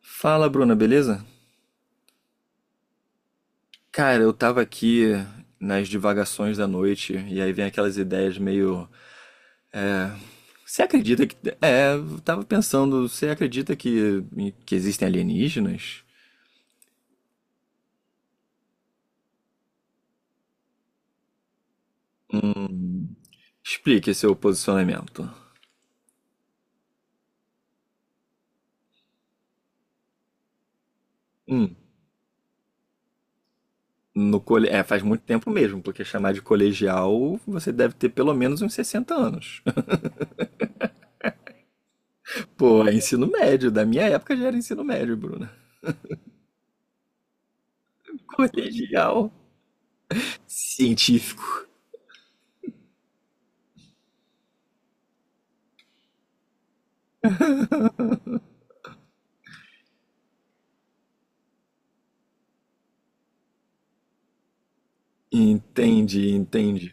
Fala, Bruna, beleza? Cara, eu tava aqui nas divagações da noite e aí vem aquelas ideias meio. Você acredita que. É, eu tava pensando, você acredita que existem alienígenas? Hum. Explique seu posicionamento. Hum. No cole... É, faz muito tempo mesmo, porque chamar de colegial você deve ter pelo menos uns 60 anos. Pô, é ensino médio, da minha época já era ensino médio, Bruna. Colegial científico. Entende, entende.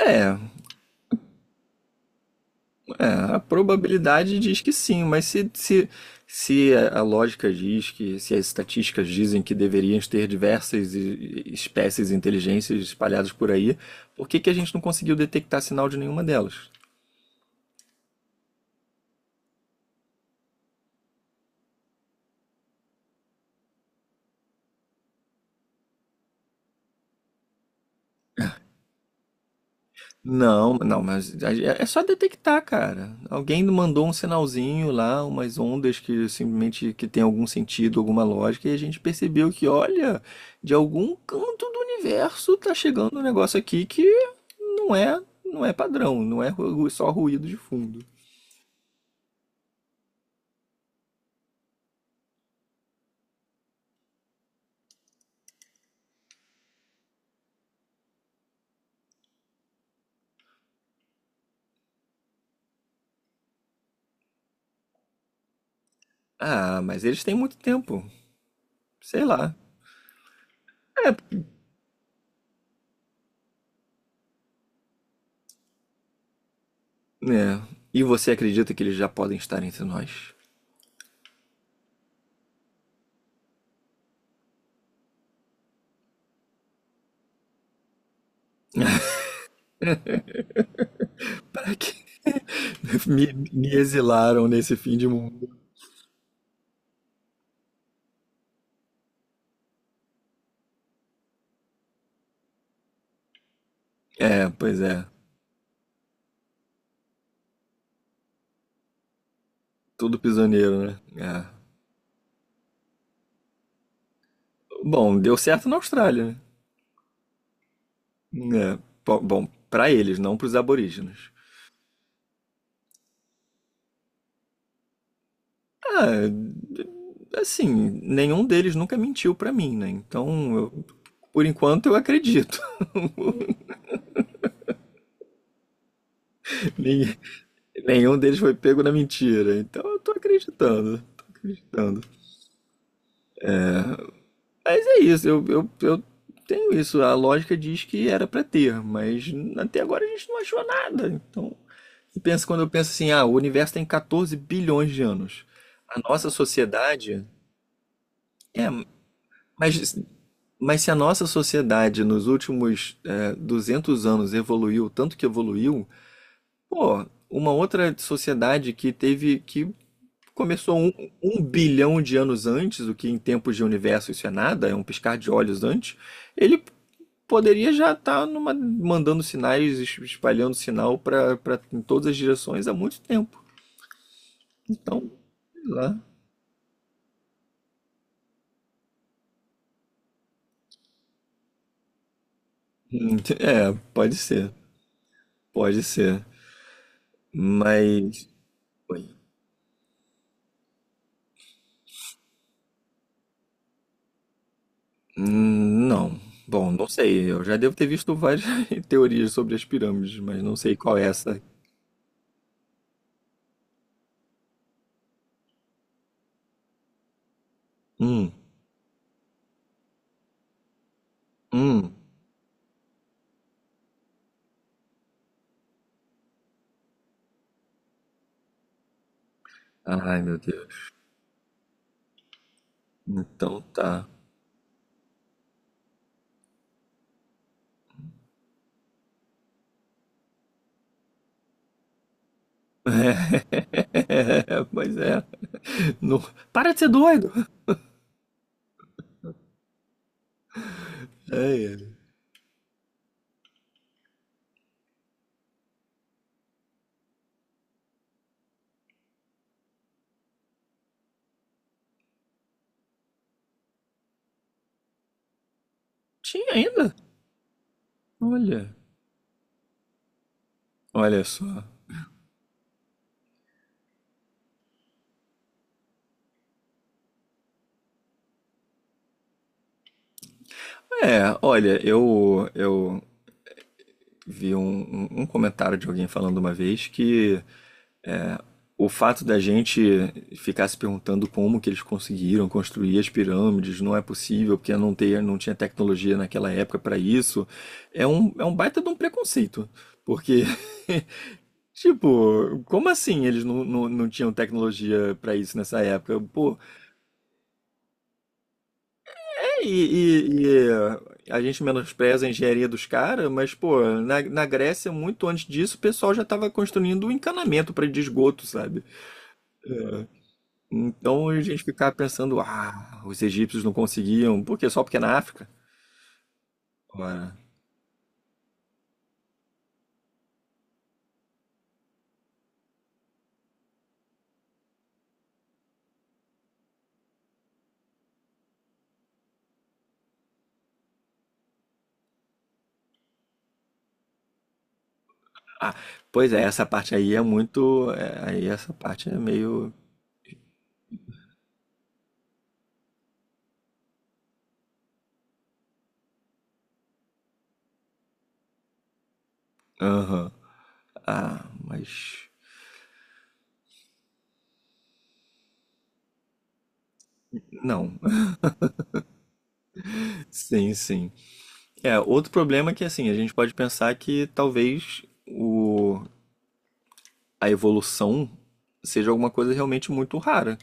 É, é, a probabilidade diz que sim, mas se a lógica diz que, se as estatísticas dizem que deveríamos ter diversas espécies e inteligências espalhadas por aí, por que que a gente não conseguiu detectar sinal de nenhuma delas? Não, não, mas é só detectar, cara. Alguém mandou um sinalzinho lá, umas ondas que simplesmente que tem algum sentido, alguma lógica, e a gente percebeu que, olha, de algum canto do universo tá chegando um negócio aqui que não é, não é padrão, não é ru- só ruído de fundo. Ah, mas eles têm muito tempo. Sei lá. É, né? E você acredita que eles já podem estar entre nós? Para que Me exilaram nesse fim de mundo? É, pois é. Tudo prisioneiro, né? É. Bom, deu certo na Austrália, né? É. Bom, pra eles, não pros aborígenes. Ah, assim, nenhum deles nunca mentiu pra mim, né? Por enquanto eu acredito. Ninguém- Nenhum deles foi pego na mentira, então eu tô acreditando, tô acreditando. Mas é isso, eu tenho isso. A lógica diz que era pra ter, mas até agora a gente não achou nada, então. E pensa, quando eu penso assim, ah, o universo tem 14 bilhões de anos. A nossa sociedade é, mas mas se a nossa sociedade nos últimos, 200 anos evoluiu tanto que evoluiu, pô, uma outra sociedade que teve que começou um, um bilhão de anos antes, o que em tempos de universo isso é nada, é um piscar de olhos antes, ele poderia já estar numa, mandando sinais, espalhando sinal para em todas as direções há muito tempo. Então, sei lá. É, pode ser, pode ser. Mas. Oi. Não. Bom, não sei. Eu já devo ter visto várias teorias sobre as pirâmides, mas não sei qual é essa. Hum, hum. Ai, meu Deus. Então tá. É, pois é. Não... Para de ser doido! Ai, ai. Tinha ainda? Olha. Olha só. É, olha, eu vi um, um comentário de alguém falando uma vez que, o fato da gente ficar se perguntando como que eles conseguiram construir as pirâmides, não é possível, porque não, ter, não tinha tecnologia naquela época para isso, é um baita de um preconceito. Porque, tipo, como assim eles não tinham tecnologia para isso nessa época? Pô, e, é, a gente menospreza a engenharia dos caras, mas, pô, na, na Grécia, muito antes disso, o pessoal já estava construindo um encanamento para de esgoto, sabe? Então a gente ficava pensando, ah, os egípcios não conseguiam, por quê? Só porque é na África? Ora, ah, pois é, essa parte aí é muito, é, aí essa parte é meio, aham, ah, mas não, sim, sim. É, outro problema é que assim, a gente pode pensar que talvez o, a evolução seja alguma coisa realmente muito rara,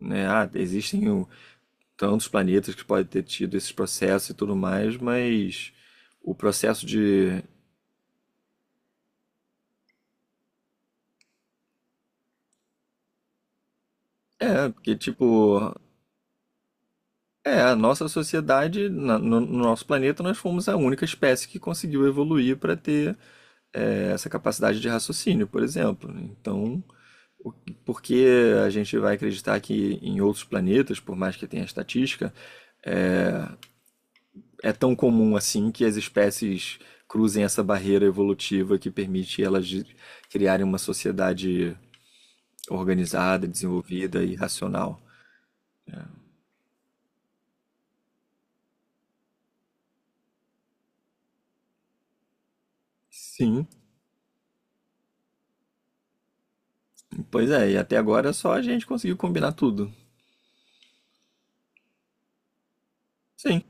né? Ah, existem tantos planetas que podem ter tido esses processos e tudo mais, mas o processo de. É, porque, tipo, é, a nossa sociedade, no nosso planeta, nós fomos a única espécie que conseguiu evoluir para ter, essa capacidade de raciocínio, por exemplo. Então, o- por que a gente vai acreditar que em outros planetas, por mais que tenha estatística, é tão comum assim que as espécies cruzem essa barreira evolutiva que permite elas criarem uma sociedade organizada, desenvolvida e racional? É. Sim. Pois é, e até agora é só a gente conseguiu combinar tudo. Sim.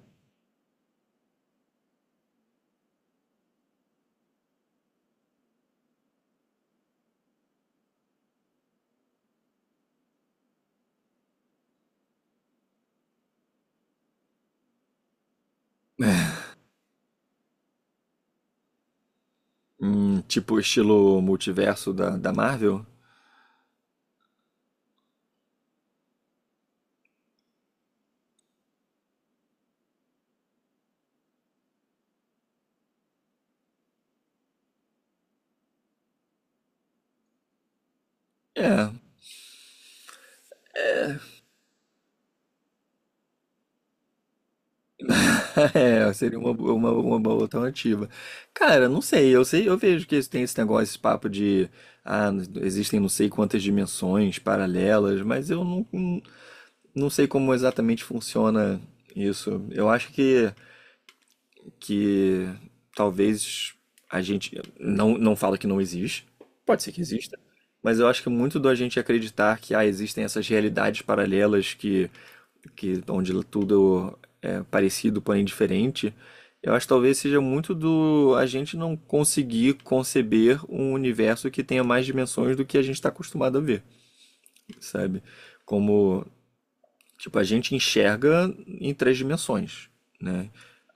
É. Tipo estilo multiverso da Marvel? É. É, seria uma boa alternativa. Cara, não sei, eu sei, eu vejo que tem esse negócio, esse papo de ah, existem não sei quantas dimensões paralelas, mas eu não, não sei como exatamente funciona isso. Eu acho que talvez a gente não, não fala que não existe, que exista. Mas eu acho que é muito do a gente acreditar que ah, existem essas realidades paralelas que onde tudo é parecido, porém diferente, eu acho que talvez seja muito do a gente não conseguir conceber um universo que tenha mais dimensões do que a gente está acostumado a ver, sabe? Como, tipo, a gente enxerga em três dimensões, né?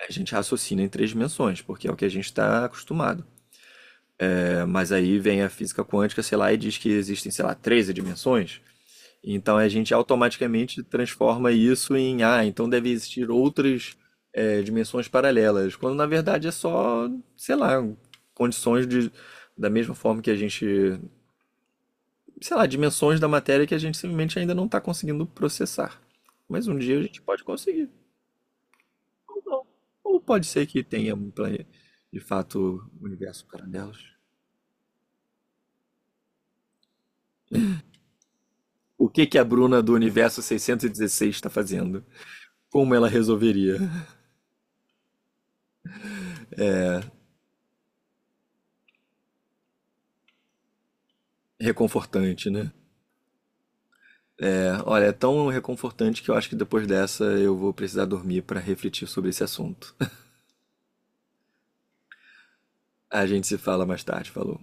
A gente raciocina em três dimensões, porque é o que a gente está acostumado. É, mas aí vem a física quântica, sei lá, e diz que existem, sei lá, 13 dimensões. Então a gente automaticamente transforma isso em, ah, então deve existir outras, dimensões paralelas, quando na verdade é só, sei lá, condições de, da mesma forma que a gente, sei lá, dimensões da matéria que a gente simplesmente ainda não está conseguindo processar. Mas um dia a gente pode conseguir, ou não. Ou pode ser que tenha um de fato um universo paralelos. O que que a Bruna do universo 616 está fazendo? Como ela resolveria? Reconfortante, né? Olha, é tão reconfortante que eu acho que depois dessa eu vou precisar dormir para refletir sobre esse assunto. A gente se fala mais tarde, falou.